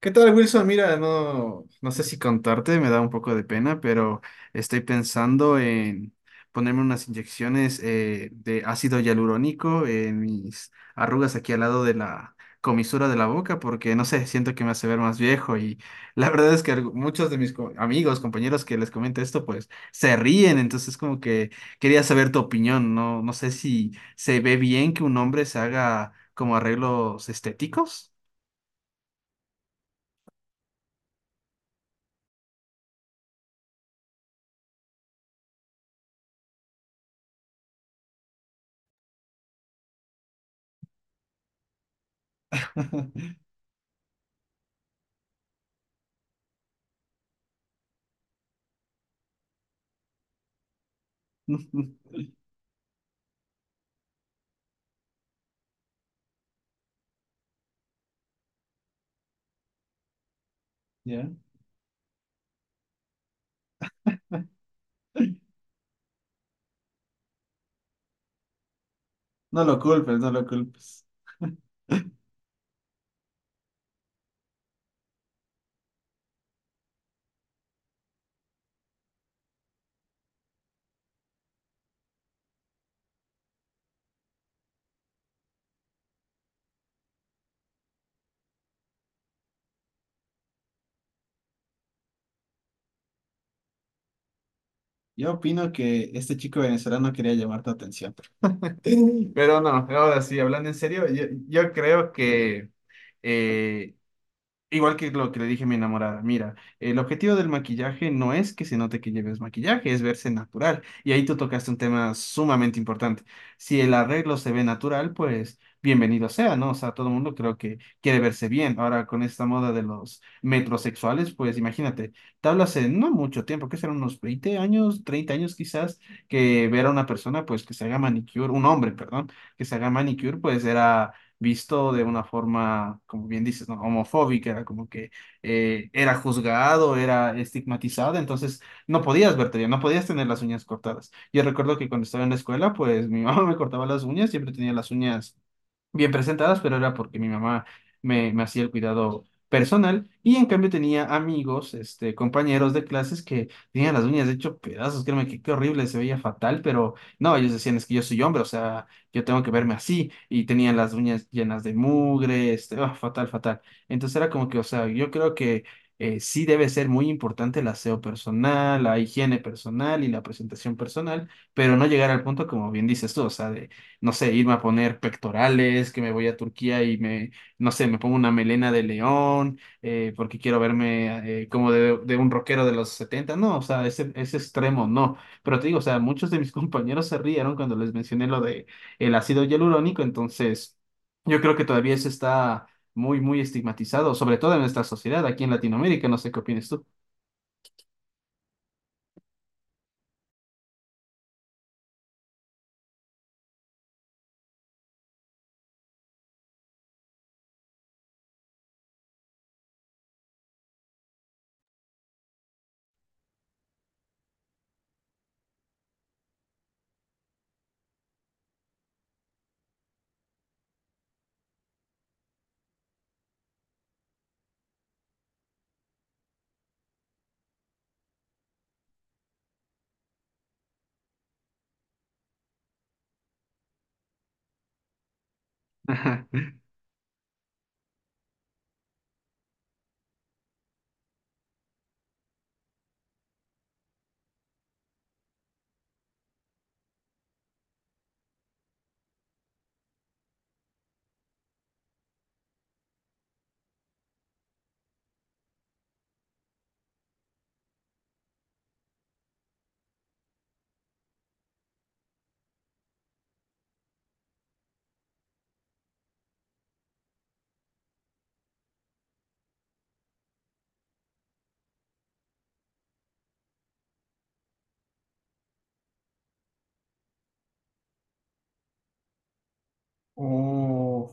¿Qué tal, Wilson? Mira, no, no sé si contarte, me da un poco de pena, pero estoy pensando en ponerme unas inyecciones de ácido hialurónico en mis arrugas aquí al lado de la comisura de la boca, porque no sé, siento que me hace ver más viejo y la verdad es que muchos de mis amigos, compañeros que les comento esto, pues se ríen, entonces como que quería saber tu opinión, no, no sé si se ve bien que un hombre se haga como arreglos estéticos. ¿Ya? No lo culpes, no lo culpes. Yo opino que este chico venezolano quería llamar tu atención. Pero no, ahora sí, hablando en serio, yo creo que eh, igual que lo que le dije a mi enamorada, mira, el objetivo del maquillaje no es que se note que lleves maquillaje, es verse natural. Y ahí tú tocaste un tema sumamente importante. Si el arreglo se ve natural, pues bienvenido sea, ¿no? O sea, todo el mundo creo que quiere verse bien. Ahora, con esta moda de los metrosexuales, pues imagínate, te hablo hace no mucho tiempo, que serán unos 20 años, 30 años quizás, que ver a una persona, pues que se haga manicure, un hombre, perdón, que se haga manicure, pues era visto de una forma, como bien dices, ¿no?, homofóbica, era como que era juzgado, era estigmatizado, entonces no podías verte bien, no podías tener las uñas cortadas. Yo recuerdo que cuando estaba en la escuela, pues mi mamá me cortaba las uñas, siempre tenía las uñas bien presentadas, pero era porque mi mamá me hacía el cuidado personal y en cambio tenía amigos, este, compañeros de clases que tenían las uñas de hecho pedazos, créeme que qué horrible, se veía fatal, pero no, ellos decían es que yo soy hombre, o sea, yo tengo que verme así y tenían las uñas llenas de mugre, este, ah, fatal, fatal. Entonces era como que, o sea, yo creo que sí debe ser muy importante el aseo personal, la higiene personal y la presentación personal, pero no llegar al punto como bien dices tú, o sea, de no sé, irme a poner pectorales, que me voy a Turquía y me, no sé, me pongo una melena de león, porque quiero verme como de un rockero de los setenta. No, o sea, ese extremo no. Pero te digo, o sea, muchos de mis compañeros se rieron cuando les mencioné lo de el ácido hialurónico, entonces yo creo que todavía eso está muy, muy estigmatizado, sobre todo en nuestra sociedad, aquí en Latinoamérica, no sé qué opinas tú. Uf.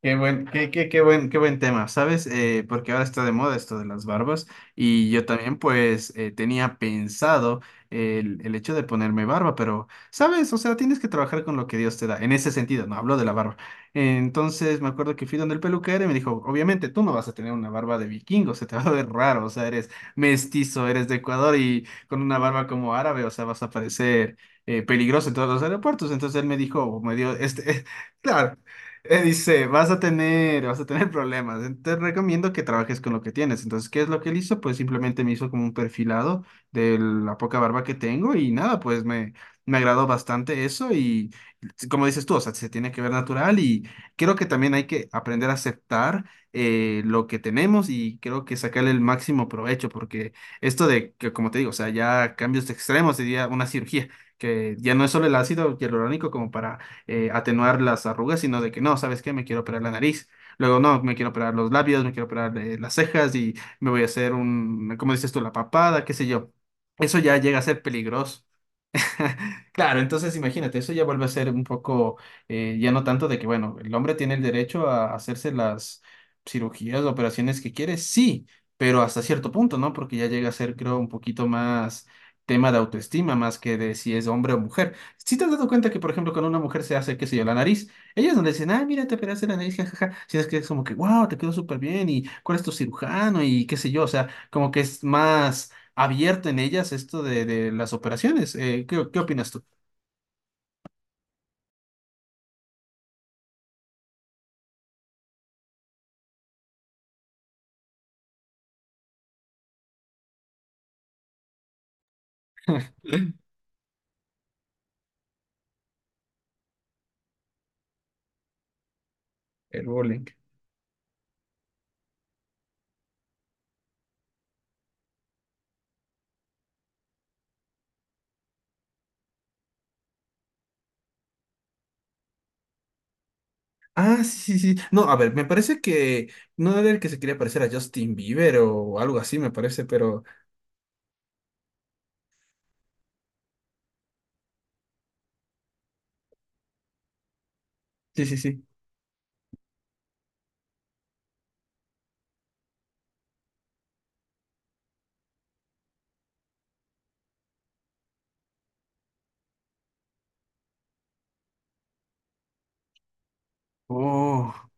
Qué buen, qué, qué, qué buen tema, ¿sabes? Porque ahora está de moda esto de las barbas y yo también pues tenía pensado el hecho de ponerme barba, pero, ¿sabes? O sea, tienes que trabajar con lo que Dios te da, en ese sentido, no hablo de la barba. Entonces me acuerdo que fui donde el peluquero y me dijo, obviamente tú no vas a tener una barba de vikingo, se te va a ver raro, o sea, eres mestizo, eres de Ecuador y con una barba como árabe, o sea, vas a parecer... peligroso en todos los aeropuertos. Entonces él me dijo, o me dio este, claro, dice, vas a tener problemas. Te recomiendo que trabajes con lo que tienes. Entonces, ¿qué es lo que él hizo? Pues simplemente me hizo como un perfilado de la poca barba que tengo y nada, pues me agradó bastante eso y como dices tú, o sea, se tiene que ver natural y creo que también hay que aprender a aceptar lo que tenemos y creo que sacarle el máximo provecho porque esto de que, como te digo, o sea, ya cambios extremos, diría una cirugía, que ya no es solo el ácido hialurónico como para atenuar las arrugas, sino de que no, ¿sabes qué? Me quiero operar la nariz. Luego, no, me quiero operar los labios, me quiero operar las cejas y me voy a hacer un, ¿cómo dices tú? La papada, qué sé yo. Eso ya llega a ser peligroso. Claro, entonces imagínate, eso ya vuelve a ser un poco, ya no tanto de que, bueno, el hombre tiene el derecho a hacerse las cirugías, operaciones que quiere, sí, pero hasta cierto punto, ¿no? Porque ya llega a ser, creo, un poquito más tema de autoestima, más que de si es hombre o mujer. Si te has dado cuenta que, por ejemplo, cuando una mujer se hace, qué sé yo, la nariz, ellas no le dicen, ah, mira, te operaste la nariz, jajaja, sino es que es como que, wow, te quedó súper bien, ¿y cuál es tu cirujano?, y qué sé yo, o sea, como que es más abierto en ellas esto de las operaciones. ¿Qué, qué opinas tú? El bowling. Ah, sí, sí, sí. No, a ver, me parece que no era el que se quería parecer a Justin Bieber o algo así, me parece, pero sí, sí, sí. Oh.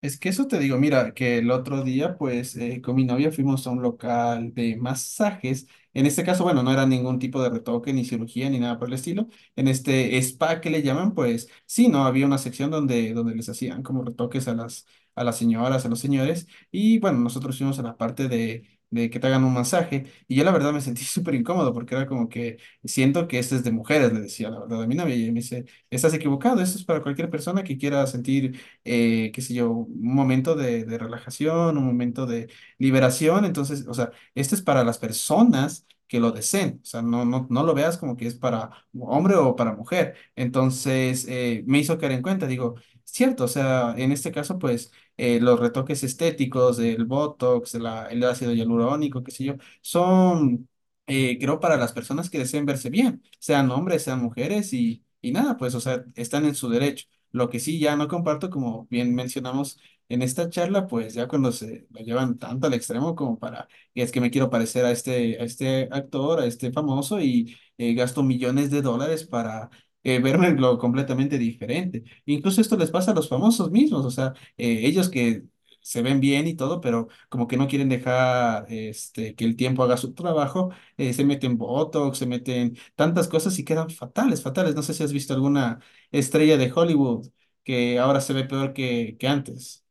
Es que eso te digo, mira, que el otro día, pues, con mi novia fuimos a un local de masajes. En este caso, bueno, no era ningún tipo de retoque, ni cirugía, ni nada por el estilo. En este spa que le llaman, pues, sí, no, había una sección donde, donde les hacían como retoques a las señoras, a los señores. Y bueno, nosotros fuimos a la parte de que te hagan un masaje. Y yo la verdad me sentí súper incómodo porque era como que siento que este es de mujeres, le decía la verdad a mi novia. Y ella me dice, estás equivocado, esto es para cualquier persona que quiera sentir qué sé yo, un momento de relajación, un momento de liberación. Entonces, o sea, este es para las personas que lo deseen. O sea, no, no, no lo veas como que es para hombre o para mujer. Entonces, me hizo caer en cuenta, digo, cierto, o sea, en este caso, pues, los retoques estéticos, el Botox, el ácido hialurónico, qué sé yo, son creo, para las personas que deseen verse bien, sean hombres, sean mujeres y nada, pues, o sea, están en su derecho. Lo que sí ya no comparto, como bien mencionamos en esta charla, pues ya cuando se lo llevan tanto al extremo como para, y es que me quiero parecer a este actor, a este famoso y gasto millones de dólares para verme lo completamente diferente. Incluso esto les pasa a los famosos mismos, o sea, ellos que se ven bien y todo, pero como que no quieren dejar este, que el tiempo haga su trabajo, se meten Botox, se meten tantas cosas y quedan fatales, fatales. No sé si has visto alguna estrella de Hollywood, que ahora se ve peor que antes.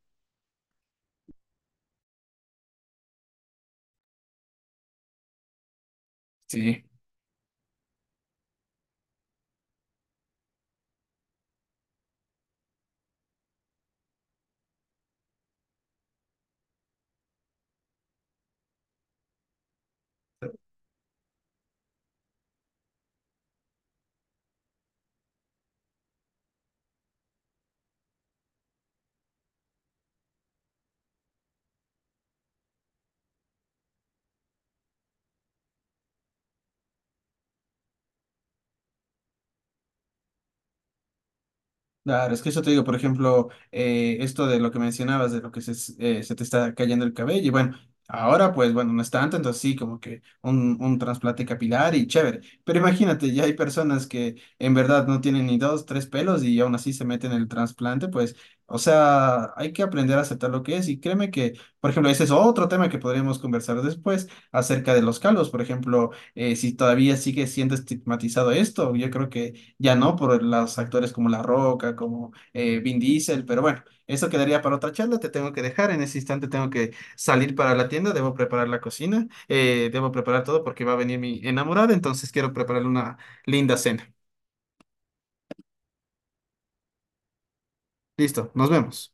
Sí. Claro, es que eso te digo, por ejemplo, esto de lo que mencionabas, de lo que se, se te está cayendo el cabello, y bueno, ahora pues bueno, no es tanto, entonces sí, como que un trasplante capilar y chévere, pero imagínate, ya hay personas que en verdad no tienen ni dos, tres pelos y aún así se meten el trasplante, pues, o sea, hay que aprender a aceptar lo que es y créeme que, por ejemplo, ese es otro tema que podríamos conversar después acerca de los calvos, por ejemplo, si todavía sigue siendo estigmatizado esto, yo creo que ya no por los actores como La Roca, como Vin Diesel, pero bueno, eso quedaría para otra charla. Te tengo que dejar. En ese instante tengo que salir para la tienda. Debo preparar la cocina. Debo preparar todo porque va a venir mi enamorada. Entonces quiero prepararle una linda cena. Listo, nos vemos.